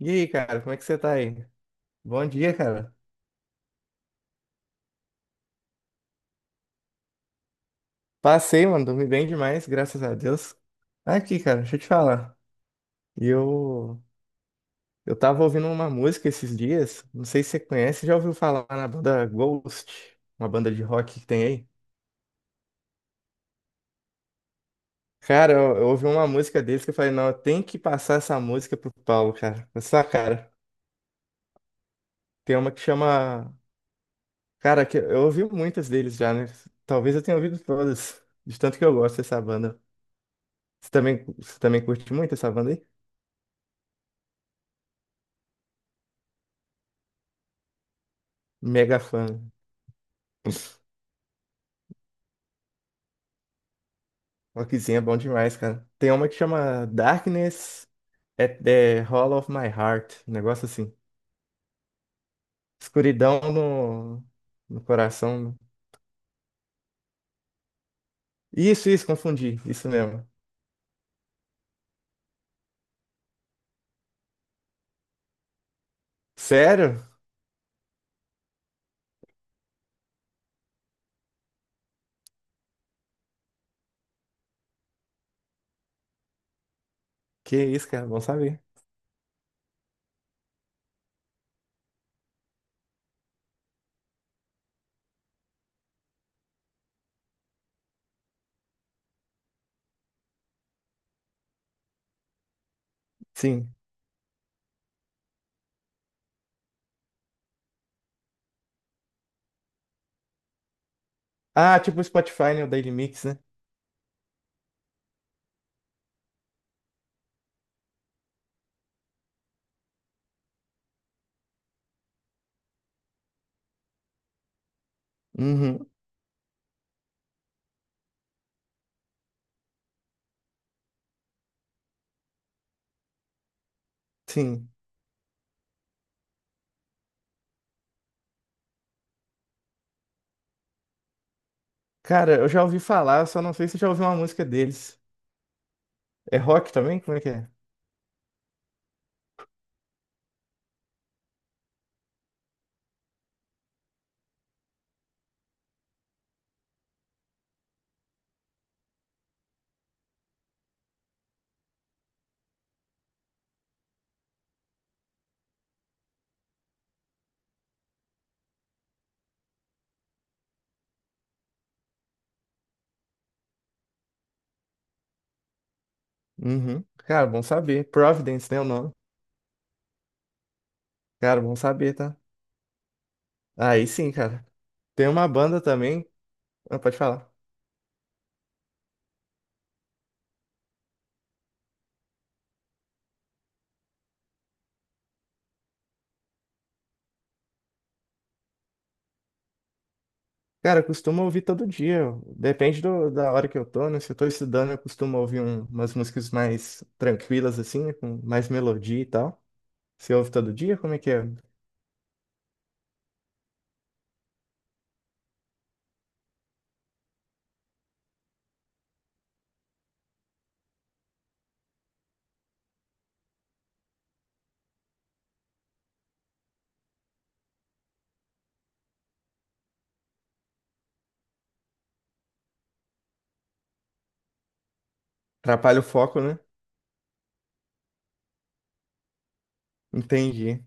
E aí, cara, como é que você tá aí? Bom dia, cara. Passei, mano, dormi bem demais, graças a Deus. Tá aqui, cara, deixa eu te falar. Eu eu tava ouvindo uma música esses dias, não sei se você conhece, já ouviu falar na banda Ghost, uma banda de rock que tem aí? Cara, eu ouvi uma música deles que eu falei, não, eu tenho que passar essa música pro Paulo, cara. Essa cara. Tem uma que chama, cara, que eu ouvi muitas deles já, né? Talvez eu tenha ouvido todas, de tanto que eu gosto dessa banda. Você também curte muito essa banda aí? Mega fã. Rockzinho é bom demais, cara. Tem uma que chama Darkness at the Hall of My Heart. Um negócio assim. Escuridão no, no coração. Isso, confundi. Isso mesmo. Sério? Que isso, cara. Bom saber. Sim. Ah, tipo o Spotify, né? O Daily Mix, né? Uhum. Sim. Cara, eu já ouvi falar, só não sei se eu já ouvi uma música deles. É rock também? Como é que é? Uhum. Cara, bom saber. Providence, né? O nome. Cara, bom saber, tá? Aí sim, cara. Tem uma banda também. Ah, pode falar. Cara, eu costumo ouvir todo dia. Depende da hora que eu tô, né? Se eu tô estudando, eu costumo ouvir umas músicas mais tranquilas, assim, né? Com mais melodia e tal. Você ouve todo dia? Como é que é? Atrapalha o foco, né? Entendi.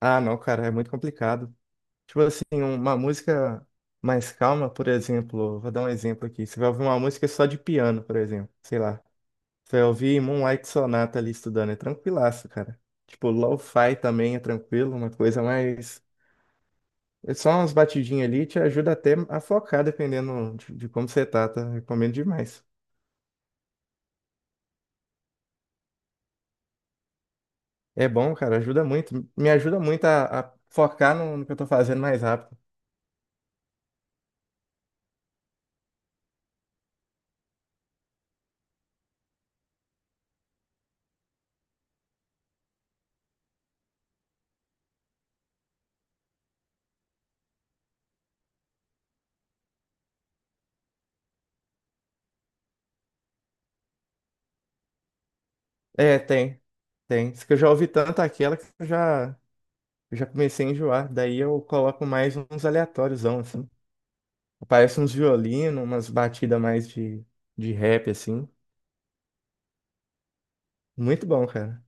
Ah, não, cara, é muito complicado. Tipo assim, uma música mais calma, por exemplo. Vou dar um exemplo aqui. Você vai ouvir uma música só de piano, por exemplo. Sei lá. Você ouvir Moonlight Sonata ali estudando, é tranquilaço, cara. Tipo, lo-fi também é tranquilo, uma coisa mais. É só umas batidinhas ali, te ajuda até a focar, dependendo de como você tá, tá? Recomendo demais. É bom, cara, ajuda muito. Me ajuda muito a focar no que eu tô fazendo mais rápido. É, tem. Isso que eu já ouvi tanto aquela que eu já comecei a enjoar. Daí eu coloco mais uns aleatórios, assim. Aparece uns violinos, umas batidas mais de rap, assim. Muito bom, cara.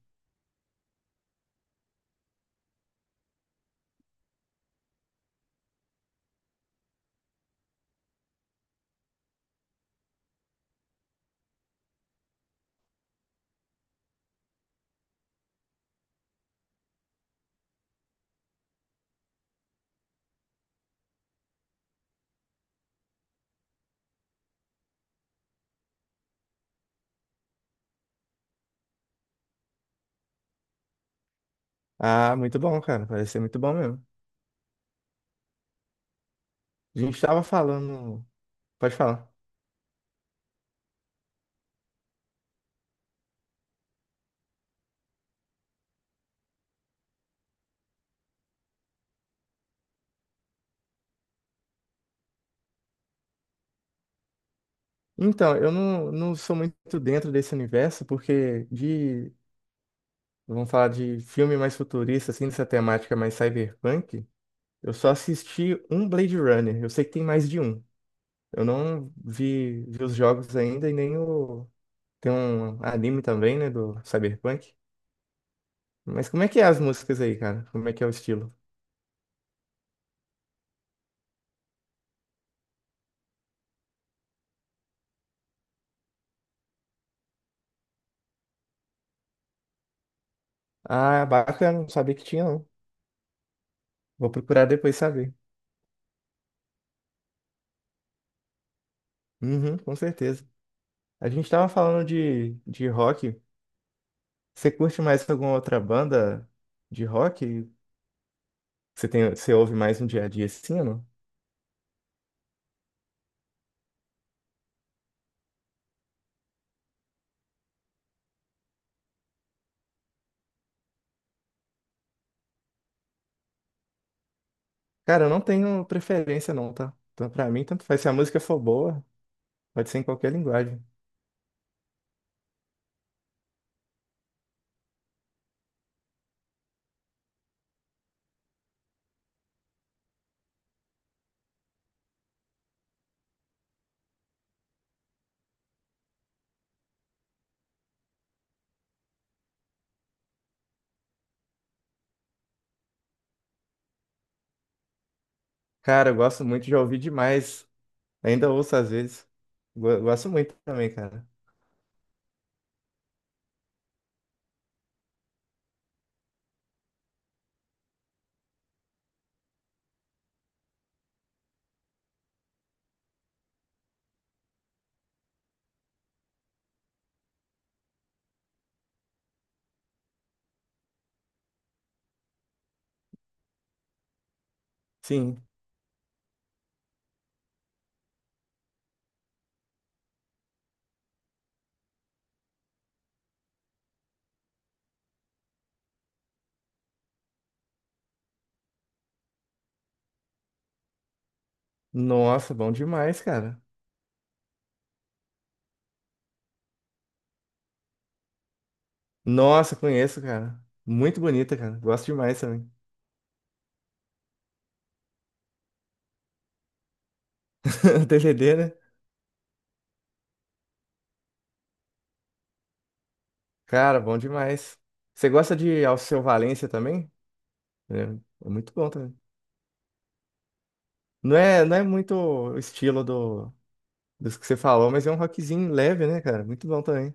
Ah, muito bom, cara. Parece ser muito bom mesmo. A gente estava falando. Pode falar. Então, eu não, não sou muito dentro desse universo, porque de. Vamos falar de filme mais futurista, assim, dessa temática mais cyberpunk. Eu só assisti um Blade Runner. Eu sei que tem mais de um. Eu não vi os jogos ainda e nem o. Tem um anime também, né, do cyberpunk. Mas como é que é as músicas aí, cara? Como é que é o estilo? Ah, bacana, não sabia que tinha, não. Vou procurar depois saber. Uhum, com certeza. A gente tava falando de rock. Você curte mais alguma outra banda de rock? Você tem, você ouve mais no dia a dia sim? Ou não? Cara, eu não tenho preferência não, tá? Então, pra mim, tanto faz. Se a música for boa, pode ser em qualquer linguagem. Cara, eu gosto muito de ouvir demais. Ainda ouço às vezes. Gosto muito também, cara. Sim. Nossa, bom demais, cara. Nossa, conheço, cara. Muito bonita, cara. Gosto demais também. DVD, né? Cara, bom demais. Você gosta de Alceu Valença também? É, é muito bom também. Não é, não é muito o estilo do, dos que você falou, mas é um rockzinho leve, né, cara? Muito bom também.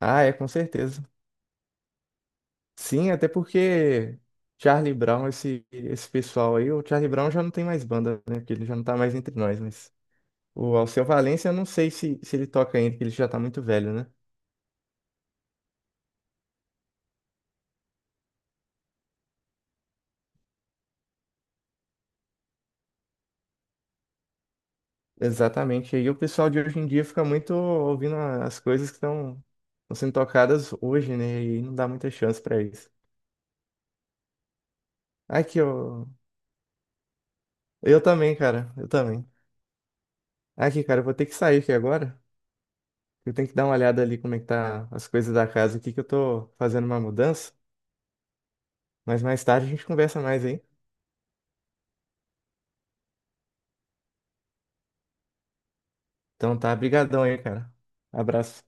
Ah, é, com certeza. Sim, até porque Charlie Brown, esse pessoal aí, o Charlie Brown já não tem mais banda, né? Porque ele já não tá mais entre nós, mas o Alceu Valença, eu não sei se ele toca ainda, porque ele já tá muito velho, né? Exatamente. E o pessoal de hoje em dia fica muito ouvindo as coisas que estão sendo tocadas hoje, né? E não dá muita chance pra isso. Aqui, eu também, cara. Eu também. Aqui, cara, eu vou ter que sair aqui agora. Eu tenho que dar uma olhada ali como é que tá as coisas da casa aqui, que eu tô fazendo uma mudança. Mas mais tarde a gente conversa mais, hein? Então tá, brigadão aí, cara. Abraço.